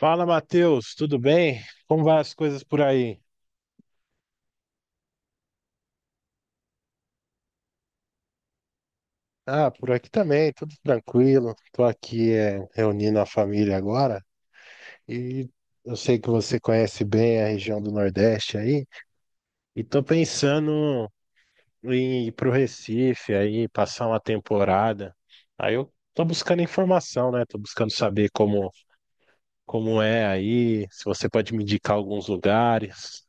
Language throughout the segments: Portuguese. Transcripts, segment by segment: Fala, Matheus, tudo bem? Como vai as coisas por aí? Ah, por aqui também, tudo tranquilo. Tô aqui reunindo a família agora e eu sei que você conhece bem a região do Nordeste aí e tô pensando em ir pro Recife aí, passar uma temporada. Aí eu tô buscando informação, né? Tô buscando saber como é aí, se você pode me indicar alguns lugares.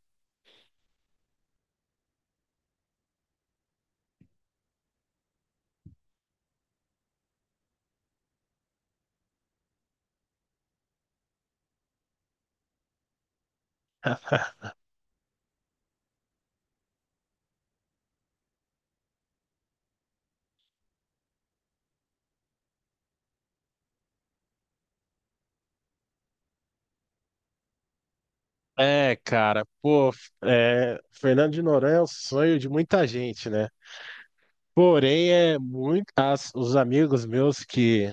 É, cara, pô, é, Fernando de Noronha é o sonho de muita gente, né? Porém, é muito, os amigos meus que,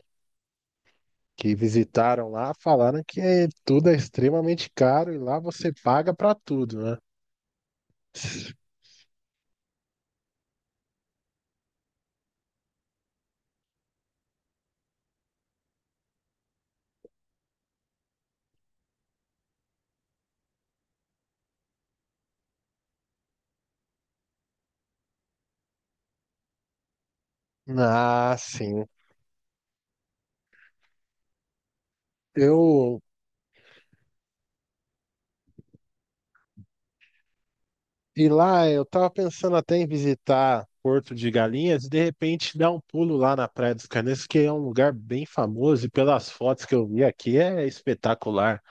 que visitaram lá falaram que tudo é extremamente caro e lá você paga pra tudo, né? Ah, sim. Eu, e lá eu tava pensando até em visitar Porto de Galinhas e de repente dar um pulo lá na Praia dos Carneiros, que é um lugar bem famoso e pelas fotos que eu vi aqui é espetacular.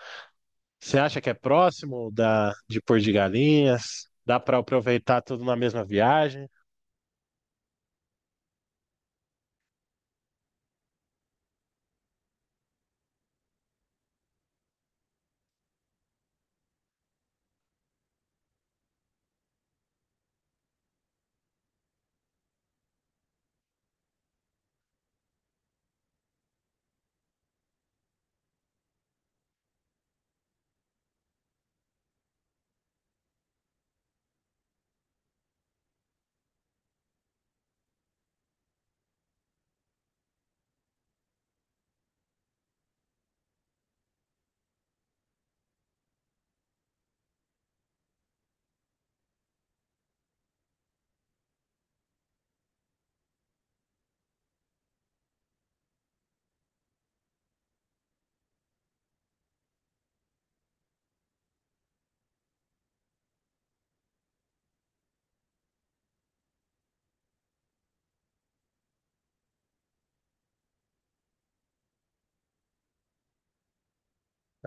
Você acha que é próximo da de Porto de Galinhas? Dá para aproveitar tudo na mesma viagem?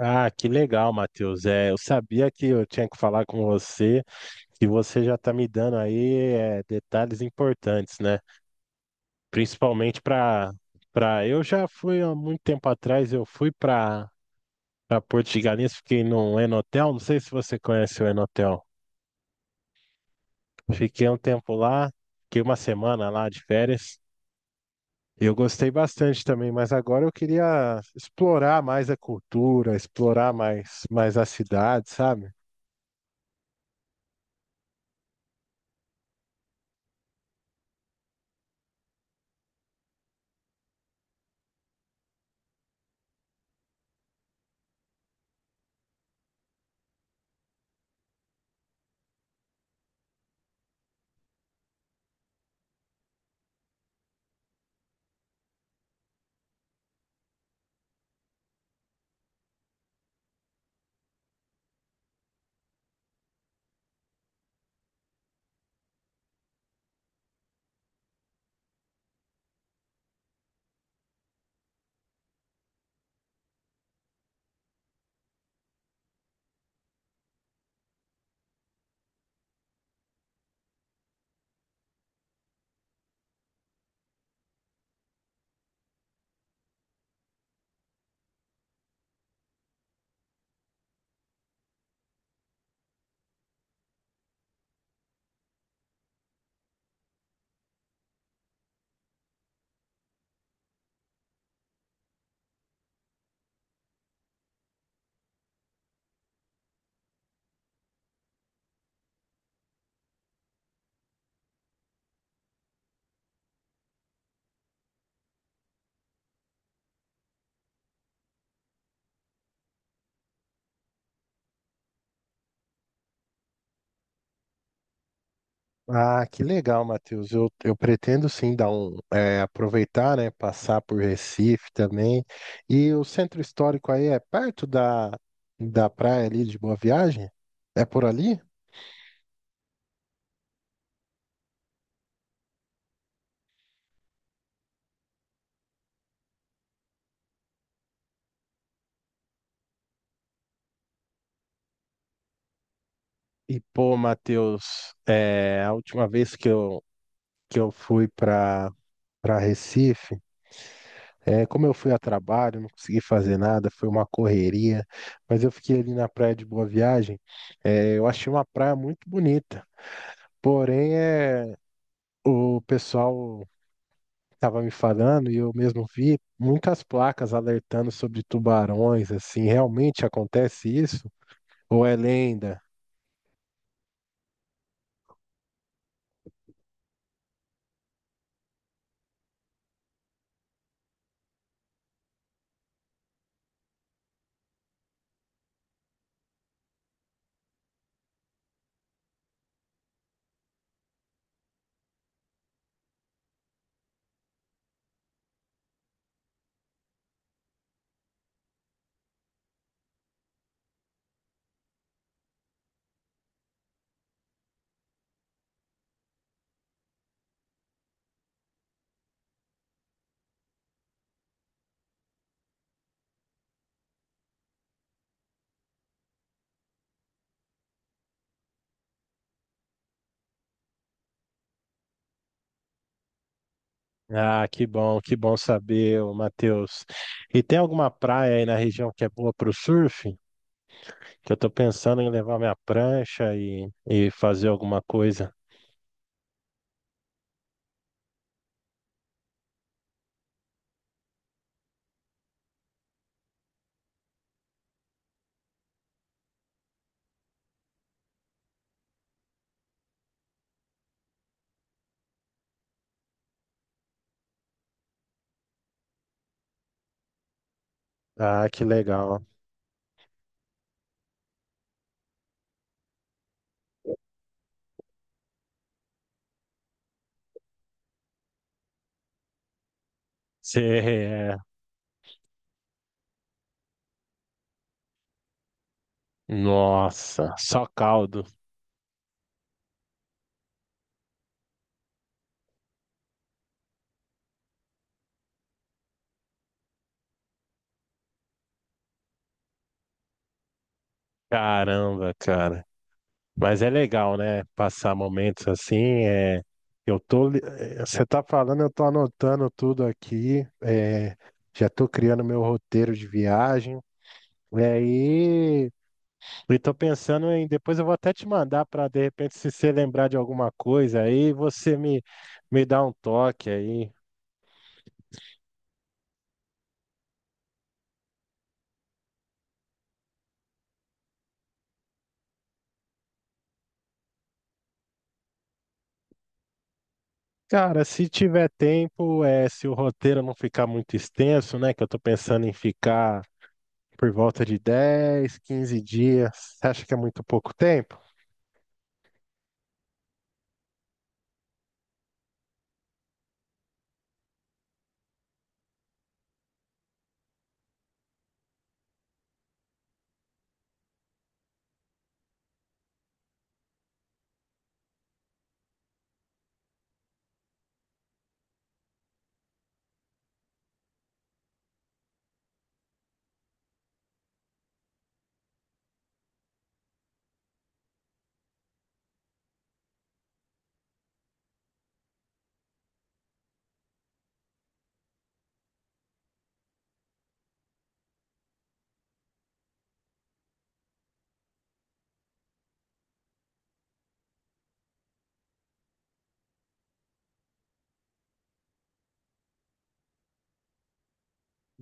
Ah, que legal, Matheus. É, eu sabia que eu tinha que falar com você, que você já está me dando aí é, detalhes importantes, né? Principalmente para eu já fui há muito tempo atrás, eu fui para Porto de Galinhas, fiquei num Enotel, não sei se você conhece o Enotel. Fiquei um tempo lá, fiquei uma semana lá de férias. Eu gostei bastante também, mas agora eu queria explorar mais a cultura, explorar mais, mais a cidade, sabe? Ah, que legal, Matheus. Eu pretendo sim dar um, é, aproveitar, né? Passar por Recife também. E o centro histórico aí é perto da praia ali de Boa Viagem? É por ali? E pô, Matheus, é, a última vez que eu fui para Recife. É, como eu fui a trabalho, não consegui fazer nada, foi uma correria, mas eu fiquei ali na praia de Boa Viagem. É, eu achei uma praia muito bonita, porém é, o pessoal estava me falando e eu mesmo vi muitas placas alertando sobre tubarões, assim, realmente acontece isso? Ou é lenda? Ah, que bom saber, ô, Matheus. E tem alguma praia aí na região que é boa para o surf? Que eu tô pensando em levar minha prancha e fazer alguma coisa. Ah, que legal. Você é. Nossa, só caldo. Caramba, cara. Mas é legal, né? Passar momentos assim. É... Eu tô. Você tá falando, eu tô anotando tudo aqui. É, já tô criando meu roteiro de viagem. E aí. E tô pensando em. Depois eu vou até te mandar para de repente, se você lembrar de alguma coisa aí, me dá um toque aí. Cara, se tiver tempo, é, se o roteiro não ficar muito extenso, né? Que eu tô pensando em ficar por volta de 10, 15 dias. Você acha que é muito pouco tempo?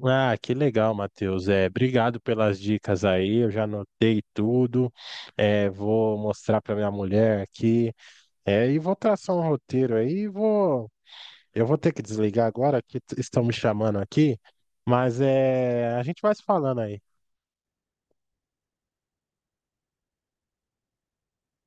Ah, que legal, Matheus. É, obrigado pelas dicas aí. Eu já anotei tudo. É, vou mostrar para minha mulher aqui. É, e vou traçar um roteiro aí. E vou, eu vou ter que desligar agora estão me chamando aqui. Mas é, a gente vai se falando aí.